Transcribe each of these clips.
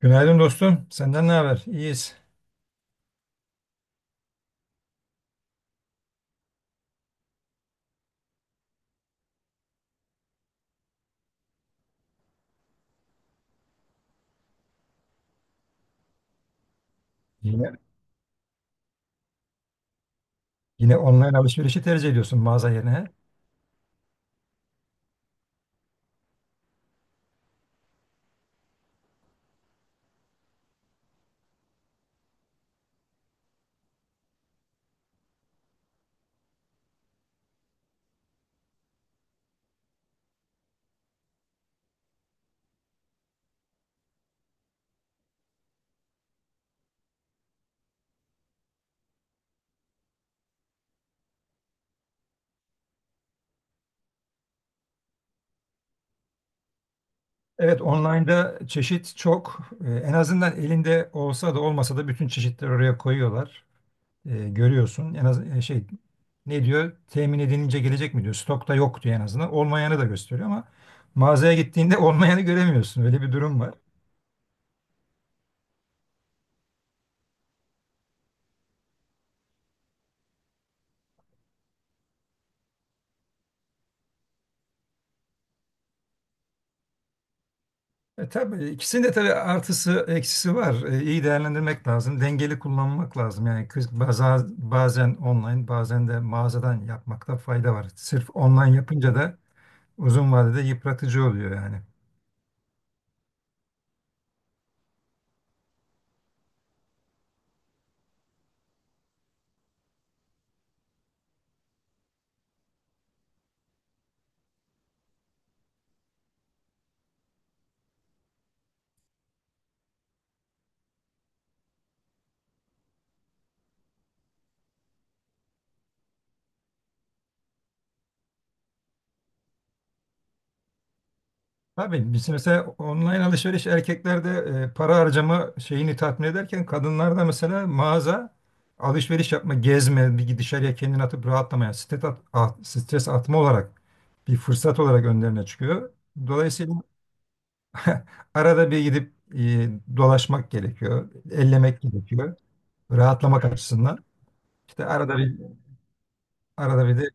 Günaydın dostum. Senden ne haber? İyiyiz. Yine, yine online alışverişi tercih ediyorsun mağaza yerine. Evet, online'da çeşit çok. En azından elinde olsa da olmasa da bütün çeşitleri oraya koyuyorlar. Görüyorsun. En az şey ne diyor? Temin edilince gelecek mi diyor. Stokta yok diyor en azından. Olmayanı da gösteriyor ama mağazaya gittiğinde olmayanı göremiyorsun. Öyle bir durum var. E, tabii ikisinin de artısı eksisi var. E, iyi değerlendirmek lazım. Dengeli kullanmak lazım. Yani bazen online bazen de mağazadan yapmakta fayda var. Sırf online yapınca da uzun vadede yıpratıcı oluyor yani. Tabii biz mesela online alışveriş erkeklerde para harcama şeyini tatmin ederken kadınlarda mesela mağaza alışveriş yapma, gezme, bir dışarıya kendini atıp rahatlamaya, stres atma olarak bir fırsat olarak önlerine çıkıyor. Dolayısıyla arada bir gidip dolaşmak gerekiyor, ellemek gerekiyor, rahatlamak açısından. İşte arada bir de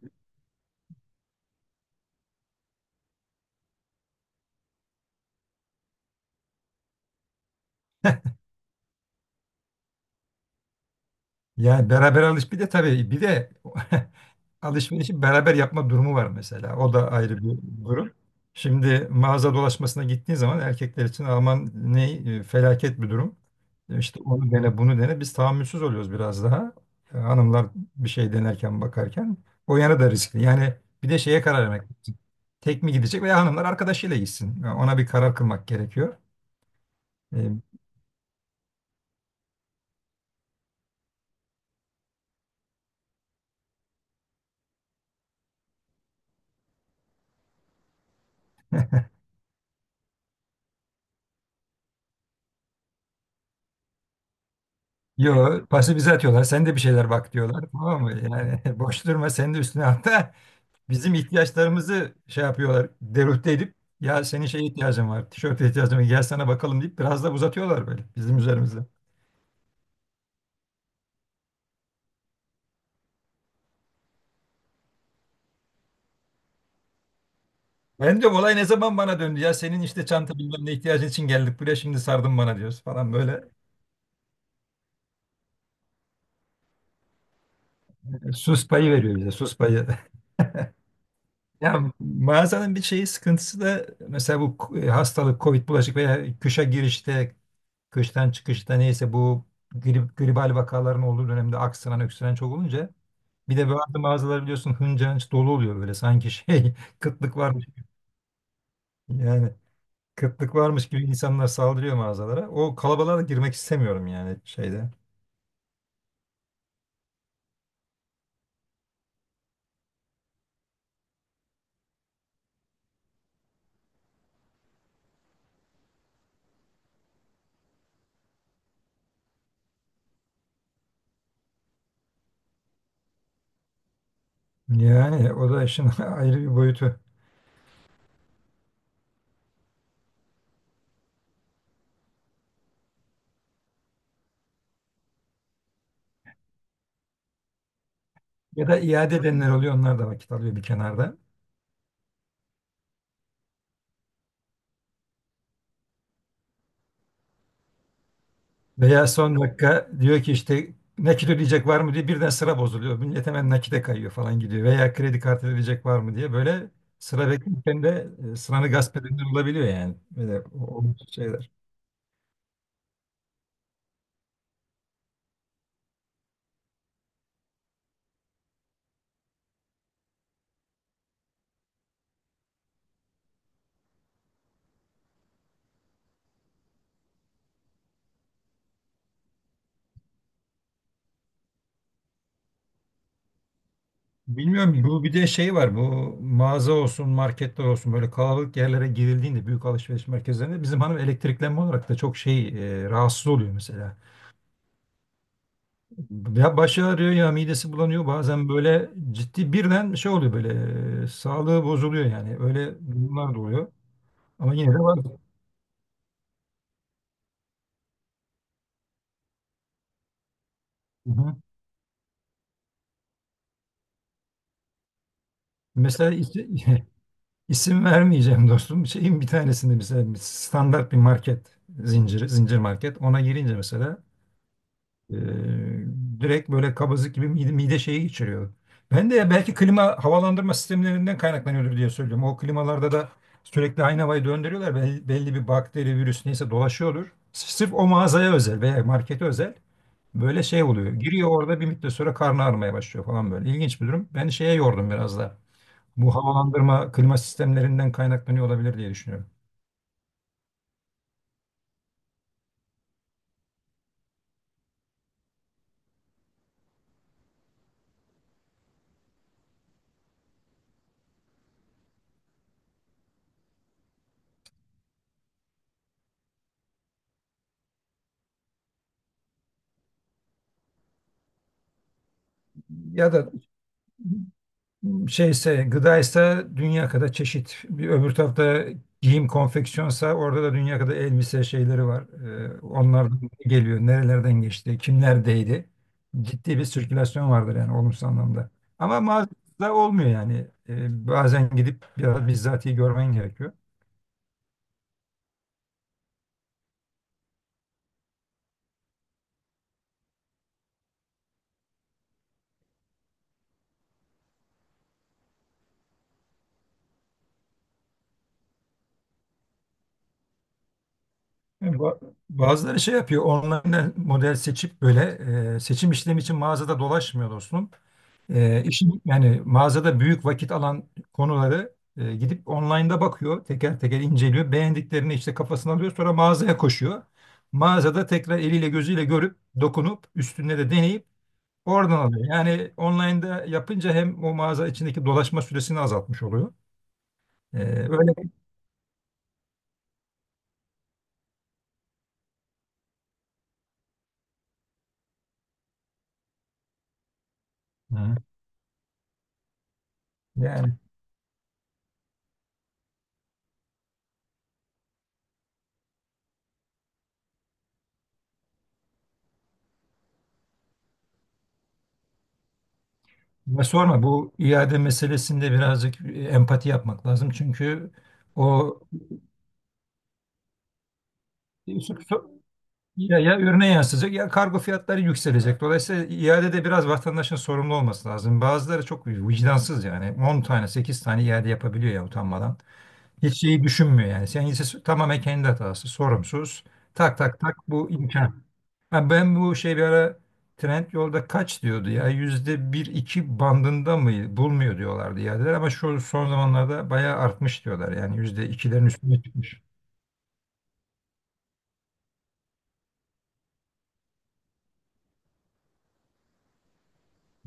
yani beraber alış bir de tabii bir de alışverişi beraber yapma durumu var mesela. O da ayrı bir durum. Şimdi mağaza dolaşmasına gittiğin zaman erkekler için aman ne felaket bir durum. E, İşte onu dene bunu dene biz tahammülsüz oluyoruz biraz daha. E, hanımlar bir şey denerken bakarken o yana da riskli. Yani bir de şeye karar vermek. Tek mi gidecek veya hanımlar arkadaşıyla gitsin. Yani ona bir karar kılmak gerekiyor. E, Yo, pası bize atıyorlar. Sen de bir şeyler bak diyorlar. Tamam mı? Yani boş durma sen de üstüne, hatta bizim ihtiyaçlarımızı şey yapıyorlar. Deruhte edip ya senin şeye ihtiyacın var. Tişörte ihtiyacın var. Gel sana bakalım deyip biraz da uzatıyorlar böyle bizim üzerimizde. Ben diyorum olay ne zaman bana döndü ya senin işte çanta bilmem ne ihtiyacın için geldik buraya şimdi sardın bana diyoruz falan böyle. Sus payı veriyor bize, sus payı. Ya mağazanın bir şeyi sıkıntısı da mesela bu hastalık, Covid bulaşık veya kışa girişte, kıştan çıkışta neyse bu grip, gribal vakaların olduğu dönemde aksıran, öksüren çok olunca bir de bazı mağazalar biliyorsun hınca hınç dolu oluyor böyle sanki şey kıtlık varmış yani kıtlık varmış gibi insanlar saldırıyor mağazalara. O kalabalığa da girmek istemiyorum yani şeyde. Yani o da işin ayrı bir boyutu. Ya da iade edenler oluyor, onlar da vakit alıyor bir kenarda. Veya son dakika diyor ki işte nakit ödeyecek var mı diye birden sıra bozuluyor. Millet hemen nakite kayıyor falan gidiyor. Veya kredi kartı ödeyecek var mı diye böyle sıra beklerken de sıranı gasp edenler olabiliyor yani. Böyle o şeyler. Bilmiyorum, bu bir de şey var, bu mağaza olsun marketler olsun böyle kalabalık yerlere girildiğinde büyük alışveriş merkezlerinde bizim hanım elektriklenme olarak da çok şey rahatsız oluyor mesela. Ya başı ağrıyor ya midesi bulanıyor. Bazen böyle ciddi birden şey oluyor böyle sağlığı bozuluyor yani. Öyle durumlar da oluyor. Ama yine de var. Hı hı. Mesela isim vermeyeceğim dostum. Şeyin bir tanesinde mesela bir standart bir market zincir market. Ona girince mesela Ee, direkt böyle kabızlık gibi mide şeyi geçiriyor. Ben de belki klima havalandırma sistemlerinden kaynaklanıyordur diye söylüyorum. O klimalarda da sürekli aynı havayı döndürüyorlar. Belli bir bakteri, virüs neyse dolaşıyordur. Sırf o mağazaya özel veya markete özel böyle şey oluyor. Giriyor orada bir müddet sonra karnı ağrımaya başlıyor falan böyle. İlginç bir durum. Ben şeye yordum biraz da. Bu havalandırma klima sistemlerinden kaynaklanıyor olabilir diye düşünüyorum. Ya da şeyse gıdaysa dünya kadar çeşit. Bir öbür tarafta giyim konfeksiyonsa orada da dünya kadar elbise şeyleri var. Onlar da geliyor. Nerelerden geçti? Kimlerdeydi? Ciddi bir sirkülasyon vardır yani olumsuz anlamda. Ama mağazada olmuyor yani. Bazen gidip biraz bizzatihi görmen gerekiyor. Yani bazıları şey yapıyor. Online model seçip böyle seçim işlemi için mağazada dolaşmıyor dostum. E, işin yani mağazada büyük vakit alan konuları gidip online'da bakıyor. Teker teker inceliyor. Beğendiklerini işte kafasına alıyor. Sonra mağazaya koşuyor. Mağazada tekrar eliyle gözüyle görüp dokunup üstünde de deneyip oradan alıyor. Yani online'da yapınca hem o mağaza içindeki dolaşma süresini azaltmış oluyor. E, öyle. Hı. Yani ne sorma, bu iade meselesinde birazcık empati yapmak lazım. Çünkü o ya ürüne yansıyacak ya kargo fiyatları yükselecek. Dolayısıyla iadede biraz vatandaşın sorumlu olması lazım. Bazıları çok vicdansız yani. 10 tane 8 tane iade yapabiliyor ya utanmadan. Hiç şeyi düşünmüyor yani. Sen ise tamamen kendi hatası sorumsuz. Tak tak tak bu imkan. Ha, ben bu şey bir ara Trendyol'da kaç diyordu ya, yüzde bir iki bandında mı bulmuyor diyorlardı iadeler, ama şu son zamanlarda bayağı artmış diyorlar yani yüzde ikilerin üstüne çıkmış.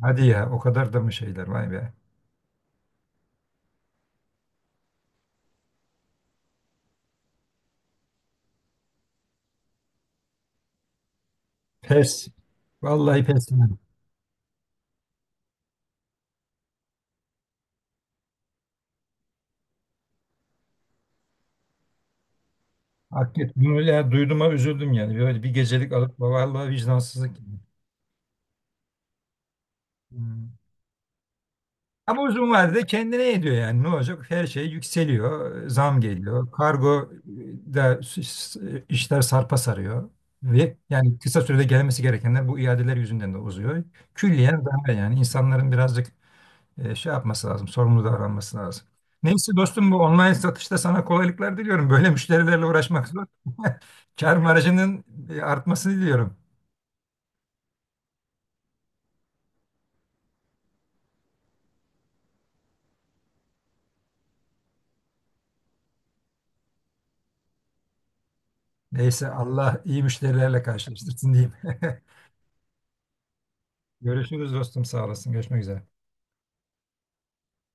Hadi ya, o kadar da mı şeyler, vay be. Pes. Vallahi pes yani. Hakikaten bunu ya duyduğuma üzüldüm yani. Böyle bir gecelik alıp vallahi vicdansızlık. Hmm. Ama uzun vadede kendine ediyor yani. Ne olacak? Her şey yükseliyor. Zam geliyor. Kargo da işler sarpa sarıyor. Ve yani kısa sürede gelmesi gerekenler bu iadeler yüzünden de uzuyor. Külliyen zarar yani. İnsanların birazcık şey yapması lazım, sorumlu davranması lazım. Neyse dostum, bu online satışta sana kolaylıklar diliyorum. Böyle müşterilerle uğraşmak zor. Kar marjının artmasını diliyorum. Neyse, Allah iyi müşterilerle karşılaştırsın diyeyim. Görüşürüz dostum, sağ olasın. Görüşmek üzere.